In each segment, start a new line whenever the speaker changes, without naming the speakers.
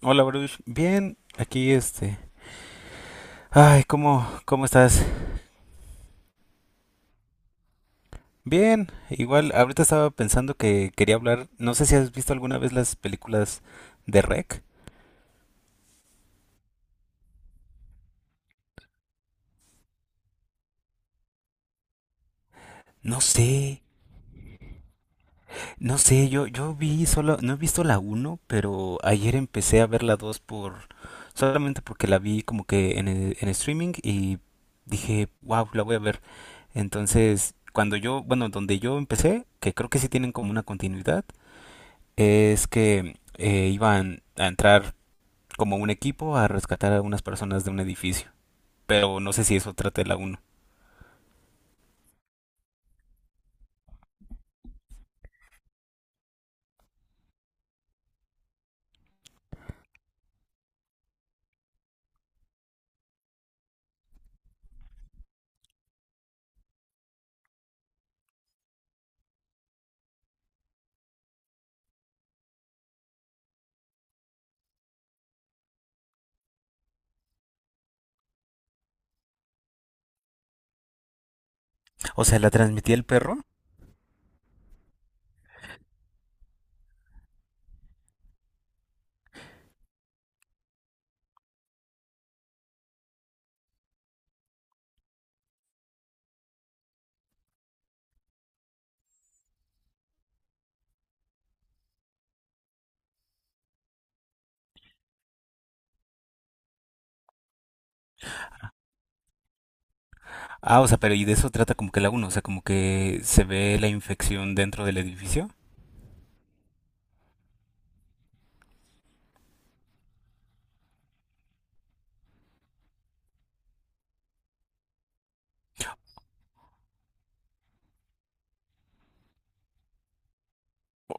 Hola, Bruce. Bien, aquí este. Ay, ¿cómo estás? Bien, igual ahorita estaba pensando que quería hablar. No sé si has visto alguna vez las películas de REC. No sé, no sé, yo vi solo, no he visto la uno, pero ayer empecé a ver la 2 por, solamente porque la vi como que en, en streaming y dije, wow, la voy a ver. Entonces, cuando yo, bueno, donde yo empecé, que creo que sí tienen como una continuidad, es que iban a entrar como un equipo a rescatar a unas personas de un edificio. Pero no sé si eso trata la uno. O sea, la transmitía el perro. Ah, o sea, pero y de eso trata como que la uno, o sea, como que se ve la infección dentro del edificio. O-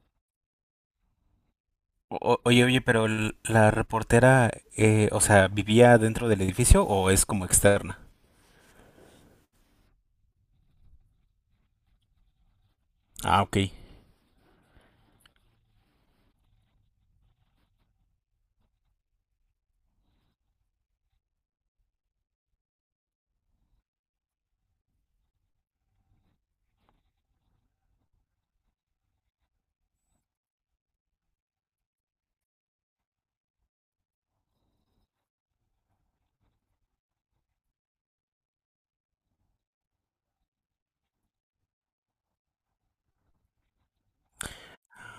oye, pero la reportera, o sea, ¿vivía dentro del edificio o es como externa? Ah, ok.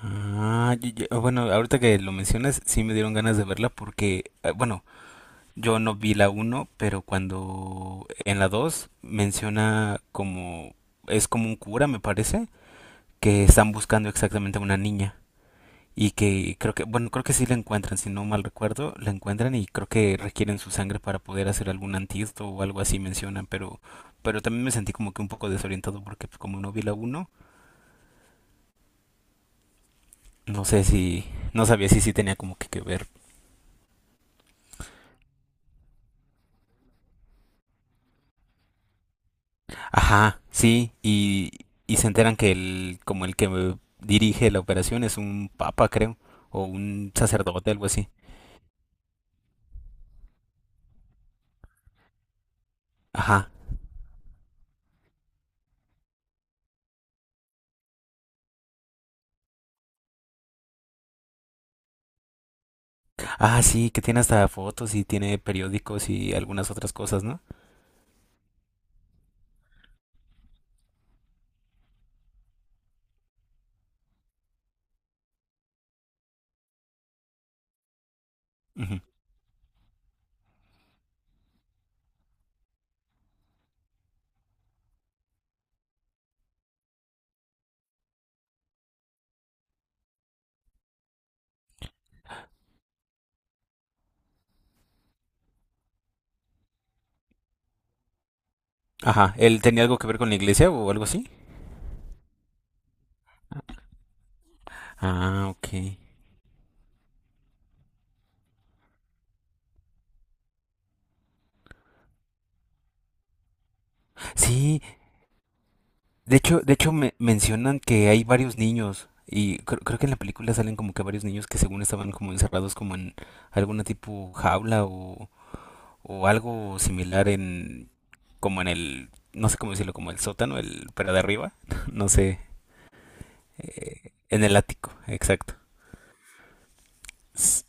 Ah, ya, bueno, ahorita que lo mencionas, sí me dieron ganas de verla porque, bueno, yo no vi la uno pero cuando en la 2 menciona como, es como un cura, me parece, que están buscando exactamente a una niña y que creo que, bueno, creo que sí la encuentran, si no mal recuerdo, la encuentran y creo que requieren su sangre para poder hacer algún antídoto o algo así mencionan, pero también me sentí como que un poco desorientado porque pues, como no vi la uno, no sé si, no sabía si sí tenía como que ver. Ajá, sí, y se enteran que el, como el que dirige la operación es un papa, creo, o un sacerdote, algo así. Ajá. Ah, sí, que tiene hasta fotos y tiene periódicos y algunas otras cosas, ¿no? Ujú. Ajá, ¿él tenía algo que ver con la iglesia o algo así? Ah, ok. Sí, de hecho me mencionan que hay varios niños y creo, creo que en la película salen como que varios niños que según estaban como encerrados como en alguna tipo jaula o algo similar en, como en el, no sé cómo decirlo, como el sótano, el, pero de arriba, no sé, en el ático, exacto. S-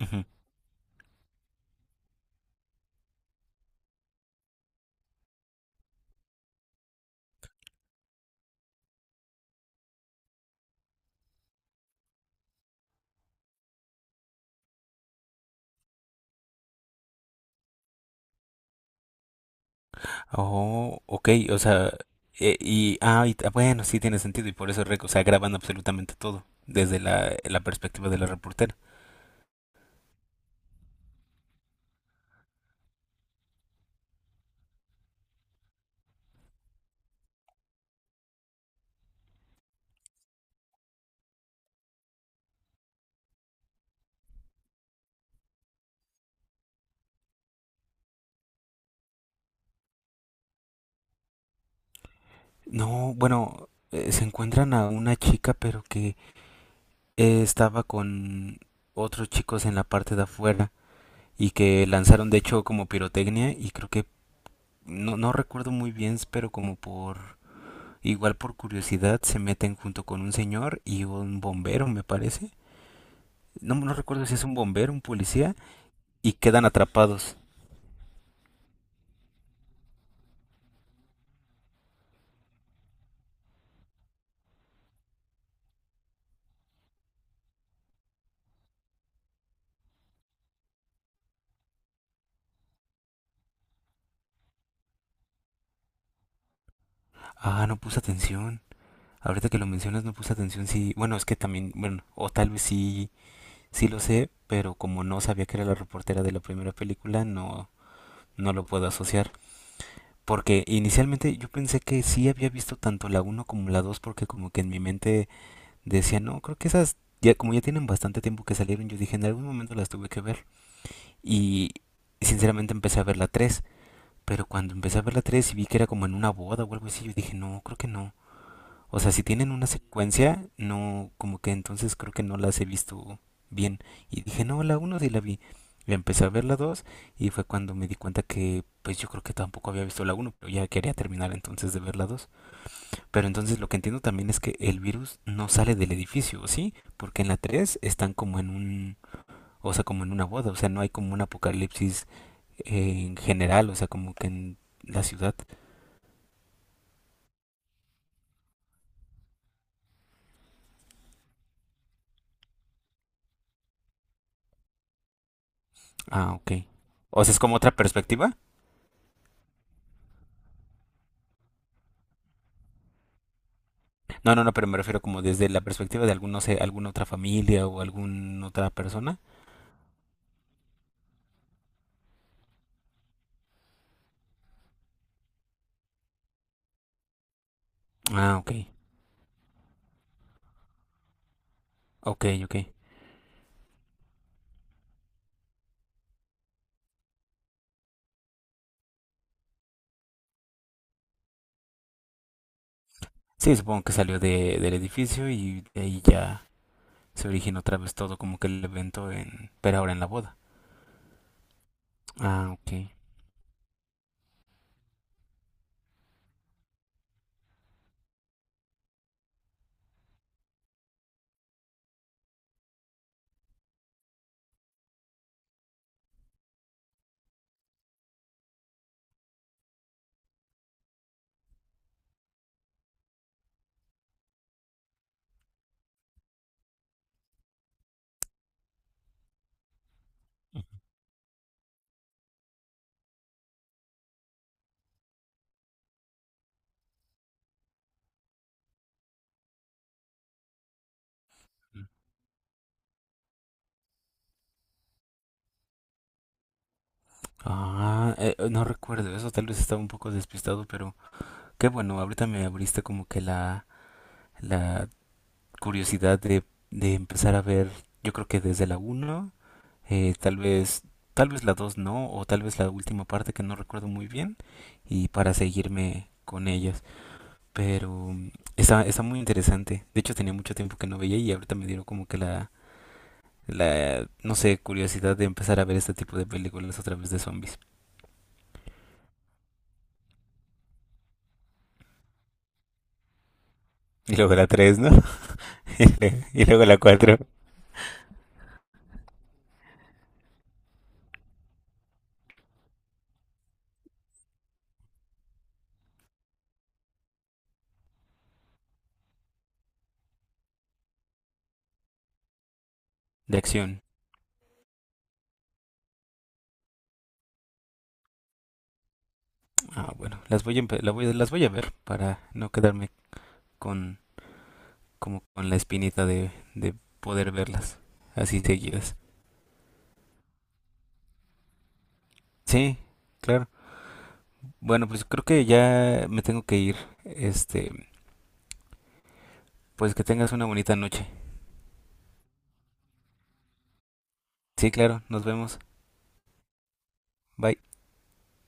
ujú. Oh, ok, o sea, y, ah, ah, bueno, sí tiene sentido, y por eso, o sea, graban absolutamente todo, desde la, la perspectiva de la reportera. No, bueno, se encuentran a una chica, pero que estaba con otros chicos en la parte de afuera, y que lanzaron, de hecho, como pirotecnia, y creo que, no, no recuerdo muy bien, pero como por... Igual por curiosidad se meten junto con un señor y un bombero, me parece. No, no recuerdo si es un bombero, un policía, y quedan atrapados. Ah, no puse atención. Ahorita que lo mencionas, no puse atención. Sí, bueno, es que también, bueno, o tal vez sí, sí lo sé, pero como no sabía que era la reportera de la primera película, no, no lo puedo asociar. Porque inicialmente yo pensé que sí había visto tanto la uno como la 2 porque como que en mi mente decía, no, creo que esas, ya, como ya tienen bastante tiempo que salieron, yo dije, en algún momento las tuve que ver. Y sinceramente empecé a ver la tres, pero cuando empecé a ver la 3 y vi que era como en una boda o algo así, yo dije, no, creo que no. O sea, si tienen una secuencia, no, como que entonces creo que no las he visto bien. Y dije, no, la uno sí la vi. Y empecé a ver la 2 y fue cuando me di cuenta que pues yo creo que tampoco había visto la uno pero ya quería terminar entonces de ver la dos. Pero entonces lo que entiendo también es que el virus no sale del edificio, ¿sí? Porque en la 3 están como en un, o sea, como en una boda, o sea, no hay como un apocalipsis en general, o sea, como que en la ciudad. Ah, ok. O sea, es como otra perspectiva. No, no, no, pero me refiero como desde la perspectiva de algún, no sé, alguna otra familia o alguna otra persona. Ah, ok, ok, ok. Sí, supongo que salió de, del edificio y de ahí ya se originó otra vez todo como que el evento en, pero ahora en la boda. Ah, ok. Ujú. Ah, no recuerdo eso, tal vez estaba un poco despistado, pero... Qué bueno, ahorita me abriste como que la curiosidad de empezar a ver, yo creo que desde la uno, eh, tal vez, tal vez la 2 no, o tal vez la última parte que no recuerdo muy bien, y para seguirme con ellas. Pero mm, está, está muy interesante. De hecho, tenía mucho tiempo que no veía y ahorita me dieron como que la, no sé, curiosidad de empezar a ver este tipo de películas otra vez de zombies. Y luego la tres, ¿no? Y, luego la cuatro. De acción. Ah, bueno, las voy a, las voy a ver para no quedarme con, como con la espinita de poder verlas así seguidas. Sí, claro. Bueno, pues creo que ya me tengo que ir. Este, pues que tengas una bonita noche. Sí, claro, nos vemos. Bye.